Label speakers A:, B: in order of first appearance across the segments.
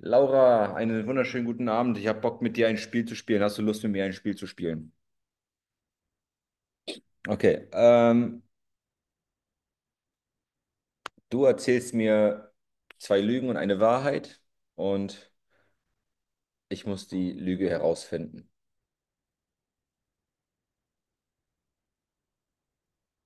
A: Laura, einen wunderschönen guten Abend. Ich habe Bock, mit dir ein Spiel zu spielen. Hast du Lust, mit mir ein Spiel zu spielen? Okay, du erzählst mir zwei Lügen und eine Wahrheit und ich muss die Lüge herausfinden.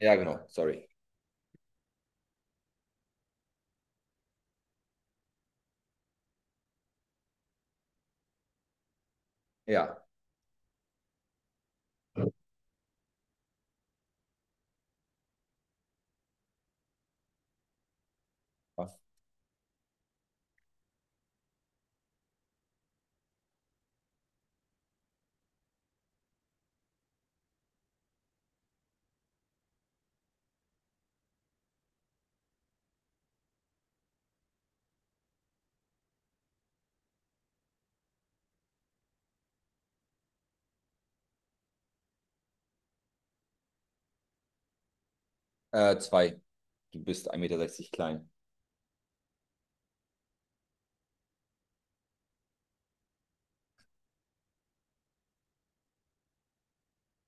A: Ja, genau, sorry. Ja, zwei. Du bist 1,60 Meter klein.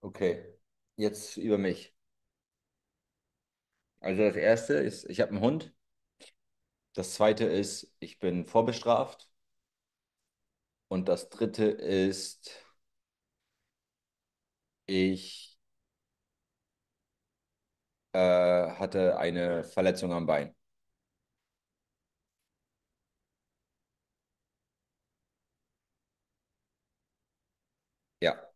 A: Okay, jetzt über mich. Also das erste ist, ich habe einen Hund. Das zweite ist, ich bin vorbestraft. Und das dritte ist, ich hatte eine Verletzung am Bein. Ja.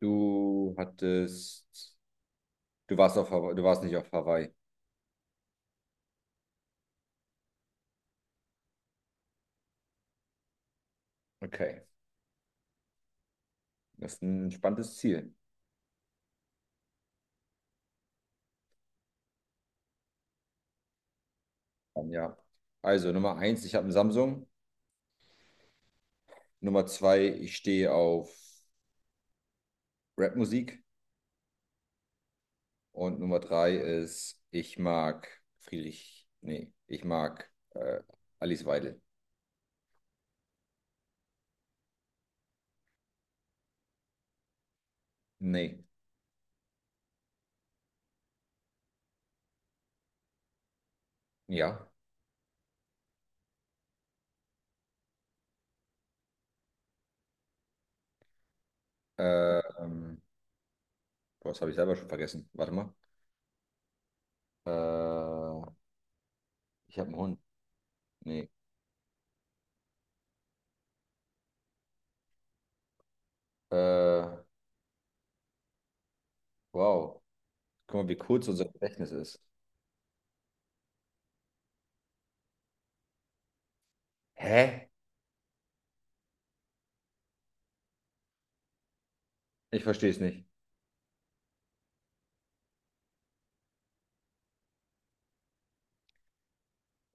A: Du hattest, du warst auf Hawaii, du warst nicht auf Hawaii. Okay. Das ist ein spannendes Ziel. Dann, ja. Also Nummer eins, ich habe einen Samsung. Nummer zwei, ich stehe auf Rapmusik. Und Nummer drei ist, ich mag Friedrich. Nee, ich mag Alice Weidel. Nee. Ja. Äh, Ähm, boah, das habe ich selber schon vergessen. Warte mal. Äh, ich habe einen Hund. Nee. Äh, wow. Guck mal, wie kurz unser Gedächtnis ist. Hä? Ich verstehe es nicht.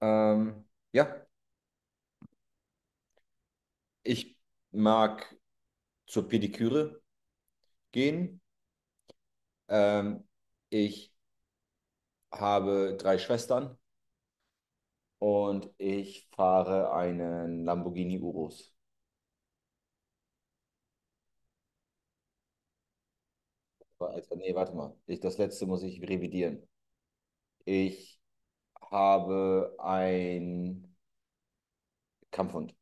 A: Ähm, ja, ich mag zur Pediküre gehen. Ähm, ich habe drei Schwestern und ich fahre einen Lamborghini Urus. Also, nee, warte mal. Ich, das letzte muss ich revidieren. Ich habe einen Kampfhund.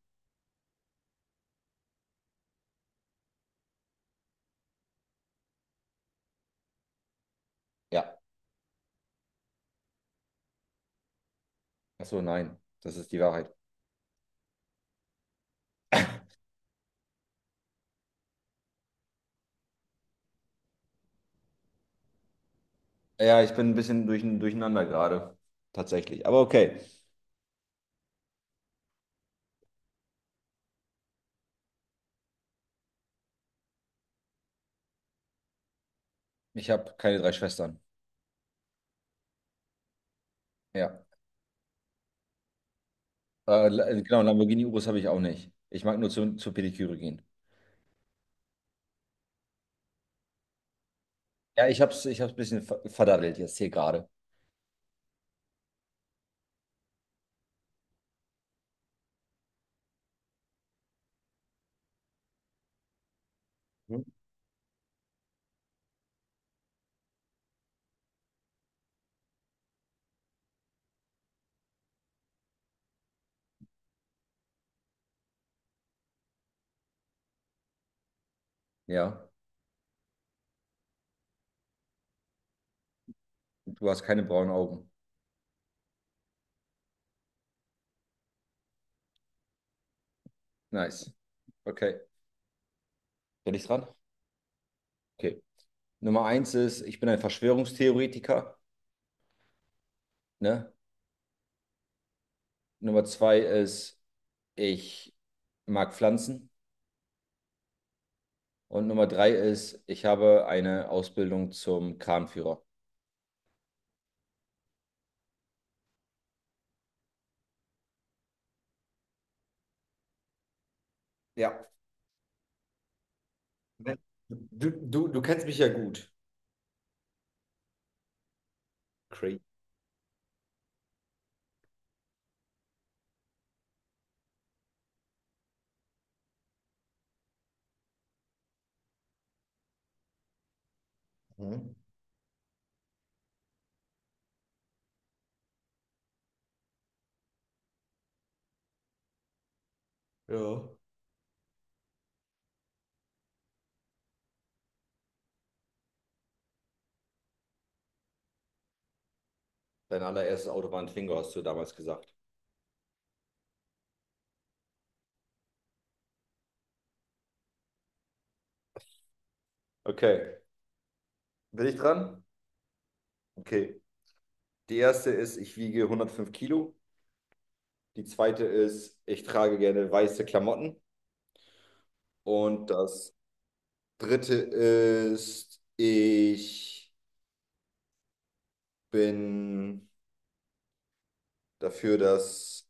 A: Ja. Ach so, nein. Das ist die Wahrheit. Ja, ich bin ein bisschen durcheinander gerade. Tatsächlich. Aber okay. Ich habe keine drei Schwestern. Ja. Genau, Lamborghini-Urus habe ich auch nicht. Ich mag nur zur Pediküre gehen. Ja, ich habe es ich hab's ein bisschen verdaddelt jetzt hier gerade. Mhm. Ja, du hast keine braunen Augen. Nice. Okay. Bin ich dran? Okay. Nummer eins ist, ich bin ein Verschwörungstheoretiker. Ne? Nummer zwei ist, ich mag Pflanzen. Und Nummer drei ist, ich habe eine Ausbildung zum Kranführer. Ja. Du kennst mich ja gut. Crazy. Mhm. Ja. Dein allererstes Auto war ein Twingo, hast du damals gesagt. Okay. Bin ich dran? Okay. Die erste ist, ich wiege 105 Kilo. Die zweite ist, ich trage gerne weiße Klamotten. Und das dritte ist, ich bin dafür, dass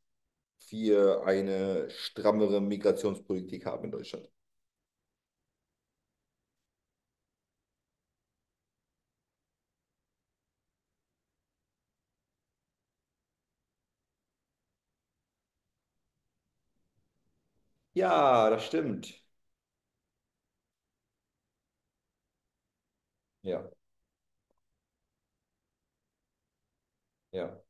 A: wir eine strammere Migrationspolitik haben in Deutschland. Ja, das stimmt. Ja, ja.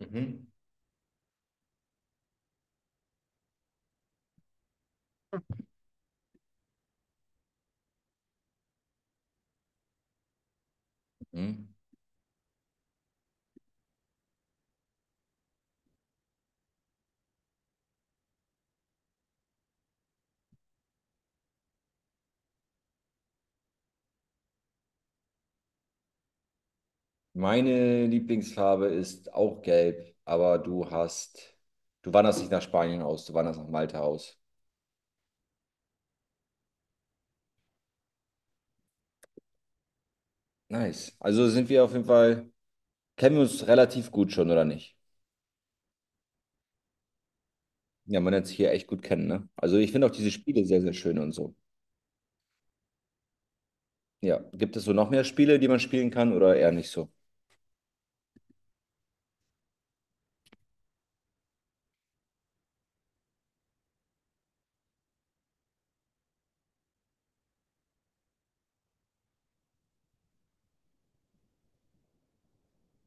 A: Mhm. Mhm. Meine Lieblingsfarbe ist auch gelb, aber du hast, du wanderst nicht nach Spanien aus, du wanderst nach Malta aus. Nice. Also sind wir auf jeden Fall, kennen wir uns relativ gut schon, oder nicht? Ja, man lernt sich hier echt gut kennen, ne? Also ich finde auch diese Spiele sehr, sehr schön und so. Ja, gibt es so noch mehr Spiele, die man spielen kann oder eher nicht so?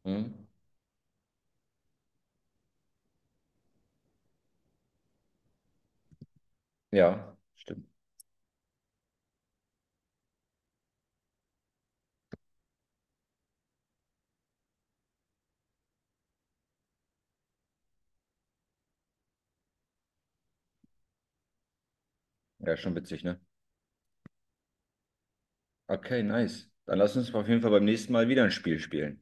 A: Hm? Ja, stimmt. Ja, schon witzig, ne? Okay, nice. Dann lass uns auf jeden Fall beim nächsten Mal wieder ein Spiel spielen.